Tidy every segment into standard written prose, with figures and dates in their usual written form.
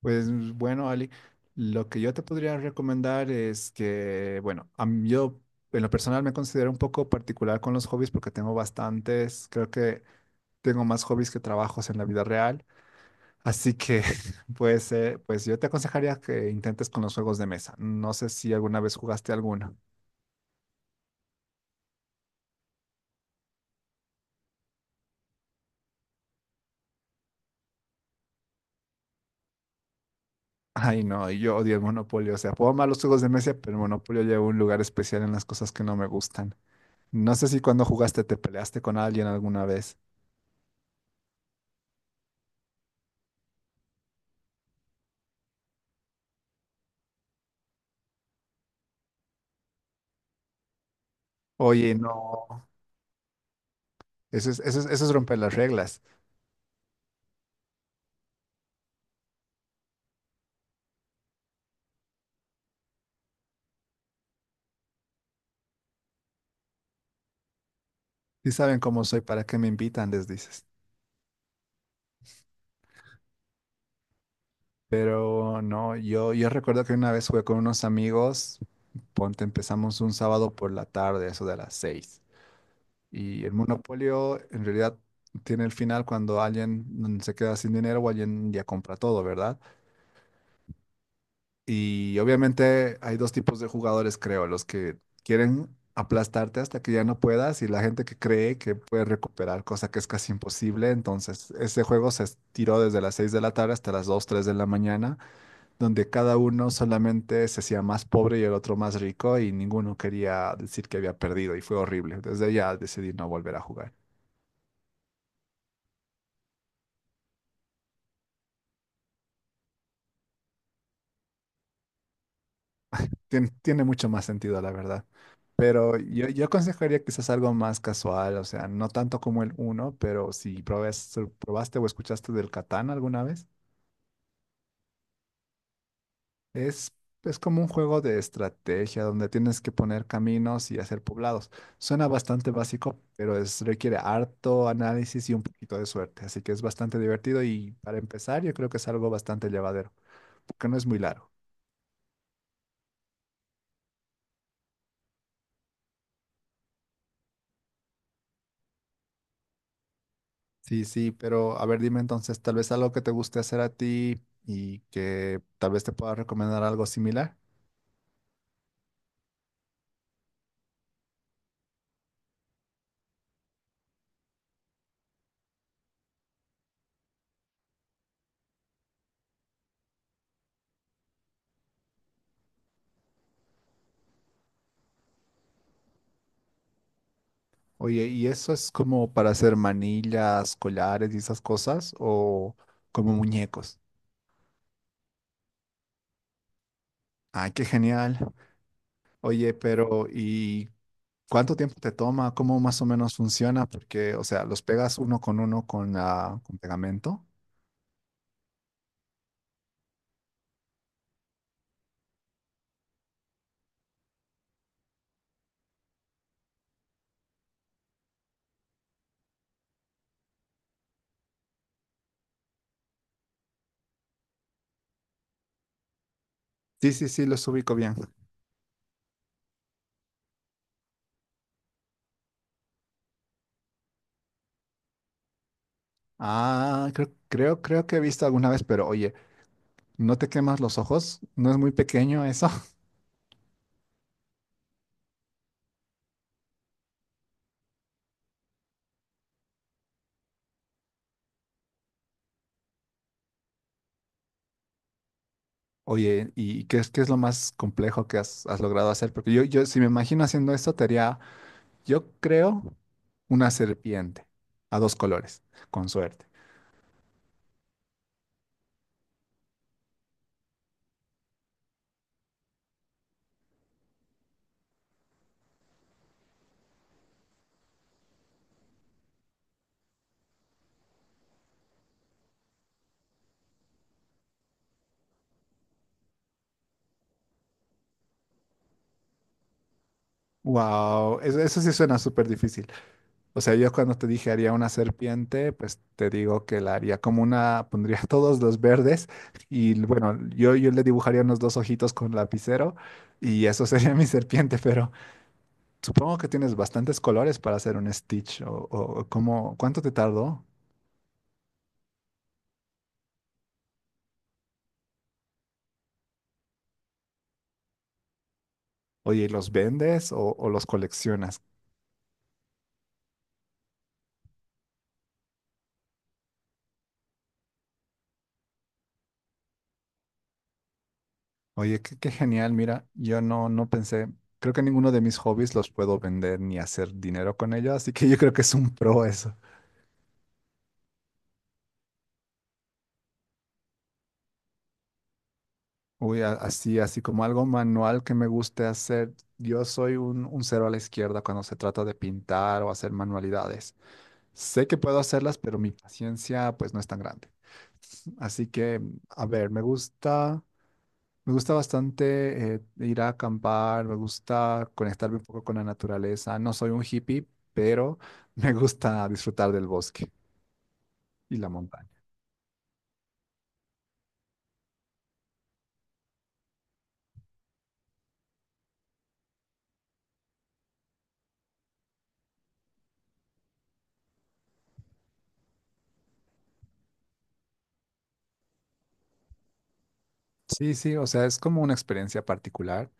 Pues bueno, Ali, lo que yo te podría recomendar es que, bueno, yo en lo personal me considero un poco particular con los hobbies porque tengo bastantes, creo que tengo más hobbies que trabajos en la vida real, así que pues, pues yo te aconsejaría que intentes con los juegos de mesa. No sé si alguna vez jugaste alguno. Ay, no, yo odio el Monopolio, o sea, puedo amar los juegos de mesa, pero el Monopolio lleva un lugar especial en las cosas que no me gustan. No sé si cuando jugaste te peleaste con alguien alguna vez. Oye, no. Eso es, eso es, eso es romper las reglas. Si saben cómo soy, ¿para qué me invitan? Les dices. Pero no, yo recuerdo que una vez jugué con unos amigos, ponte, empezamos un sábado por la tarde, eso de las 6. Y el monopolio en realidad tiene el final cuando alguien se queda sin dinero o alguien ya compra todo, ¿verdad? Y obviamente hay dos tipos de jugadores, creo, los que quieren aplastarte hasta que ya no puedas y la gente que cree que puede recuperar, cosa que es casi imposible. Entonces, ese juego se estiró desde las 6 de la tarde hasta las 2 3 de la mañana, donde cada uno solamente se hacía más pobre y el otro más rico y ninguno quería decir que había perdido y fue horrible. Desde ya decidí no volver a jugar. Tiene mucho más sentido, la verdad. Pero yo aconsejaría quizás algo más casual, o sea, no tanto como el uno, pero si probaste o escuchaste del Catán alguna vez, es, es como un juego de estrategia donde tienes que poner caminos y hacer poblados. Suena bastante básico, pero es, requiere harto análisis y un poquito de suerte, así que es bastante divertido y para empezar yo creo que es algo bastante llevadero, porque no es muy largo. Sí, sí, pero a ver, dime entonces, tal vez algo que te guste hacer a ti y que tal vez te pueda recomendar algo similar. Oye, ¿y eso es como para hacer manillas, collares y esas cosas o como muñecos? Ay, qué genial. Oye, pero ¿y cuánto tiempo te toma? ¿Cómo más o menos funciona? Porque, o sea, los pegas uno con la, con pegamento. Sí, sí, sí, los ubico bien. Ah, creo que he visto alguna vez, pero oye, ¿no te quemas los ojos? ¿No es muy pequeño eso? Oye, ¿y qué es lo más complejo que has logrado hacer? Porque yo, si me imagino haciendo esto, te haría, yo creo, una serpiente a dos colores, con suerte. Wow, eso sí suena súper difícil. O sea, yo cuando te dije haría una serpiente, pues te digo que la haría como una, pondría todos los verdes y bueno, yo le dibujaría unos dos ojitos con lapicero y eso sería mi serpiente, pero supongo que tienes bastantes colores para hacer un Stitch o cómo, ¿cuánto te tardó? Oye, ¿y los vendes o los coleccionas? Oye, qué, qué genial, mira, yo no, no pensé, creo que ninguno de mis hobbies los puedo vender ni hacer dinero con ellos, así que yo creo que es un pro eso. Uy, así como algo manual que me guste hacer, un cero a la izquierda cuando se trata de pintar o hacer manualidades. Sé que puedo hacerlas, pero mi paciencia pues no es tan grande. Así que, a ver, me gusta. Me gusta bastante ir a acampar, me gusta conectarme un poco con la naturaleza. No soy un hippie, pero me gusta disfrutar del bosque y la montaña. Sí, sí, o sea, es como una experiencia particular.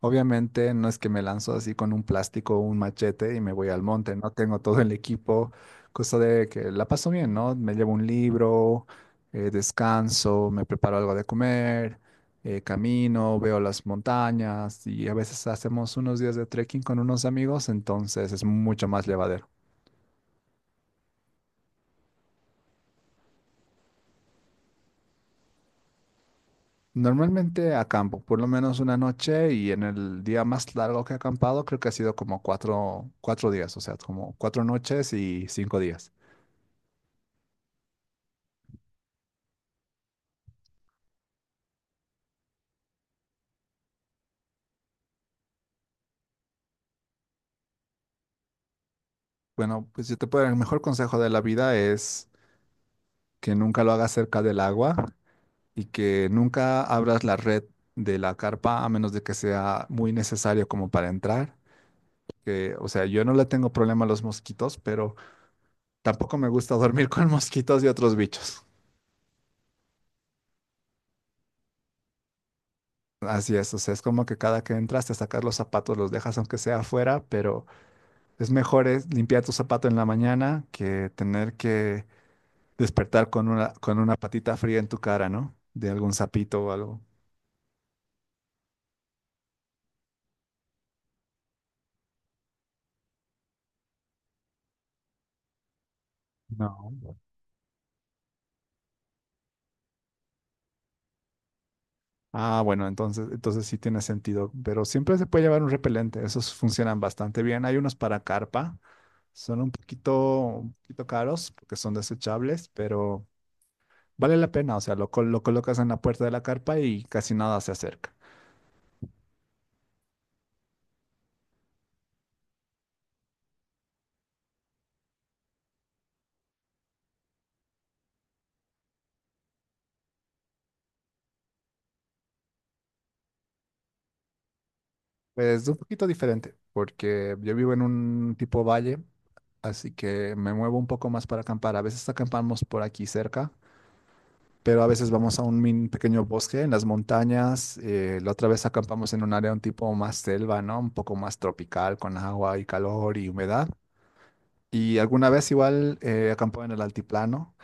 Obviamente no es que me lanzo así con un plástico o un machete y me voy al monte, no tengo todo el equipo, cosa de que la paso bien, ¿no? Me llevo un libro, descanso, me preparo algo de comer, camino, veo las montañas y a veces hacemos unos días de trekking con unos amigos, entonces es mucho más llevadero. Normalmente acampo por lo menos una noche y en el día más largo que he acampado creo que ha sido como cuatro días, o sea, como 4 noches y 5 días. Bueno, pues yo te puedo, el mejor consejo de la vida es que nunca lo hagas cerca del agua y que nunca abras la red de la carpa a menos de que sea muy necesario como para entrar. Que, o sea, yo no le tengo problema a los mosquitos, pero tampoco me gusta dormir con mosquitos y otros bichos. Así es, o sea, es como que cada que entras te sacas los zapatos, los dejas aunque sea afuera, pero es mejor es limpiar tu zapato en la mañana que tener que despertar con una patita fría en tu cara, ¿no? De algún sapito o algo. No. Ah, bueno, entonces, entonces sí tiene sentido, pero siempre se puede llevar un repelente, esos funcionan bastante bien. Hay unos para carpa, son un poquito caros porque son desechables, pero vale la pena, o sea, lo colocas en la puerta de la carpa y casi nada se acerca. Pues, es un poquito diferente porque yo vivo en un tipo valle, así que me muevo un poco más para acampar. A veces acampamos por aquí cerca pero a veces vamos a un pequeño bosque en las montañas. La otra vez acampamos en un área un tipo más selva, ¿no? Un poco más tropical, con agua y calor y humedad. Y alguna vez igual acampó en el altiplano.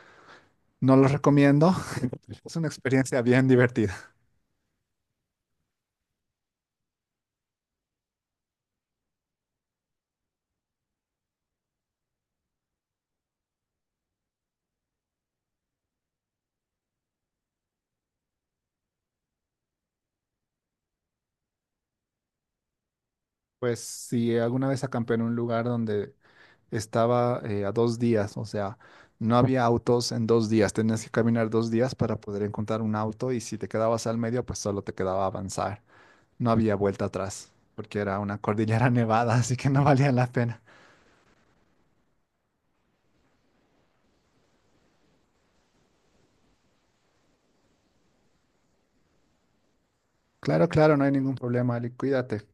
No lo recomiendo. Es una experiencia bien divertida. Pues si alguna vez acampé en un lugar donde estaba a 2 días, o sea, no había autos en 2 días. Tenías que caminar 2 días para poder encontrar un auto y si te quedabas al medio, pues solo te quedaba avanzar. No había vuelta atrás, porque era una cordillera nevada, así que no valía la pena. Claro, claro, no hay ningún problema, Ali, cuídate.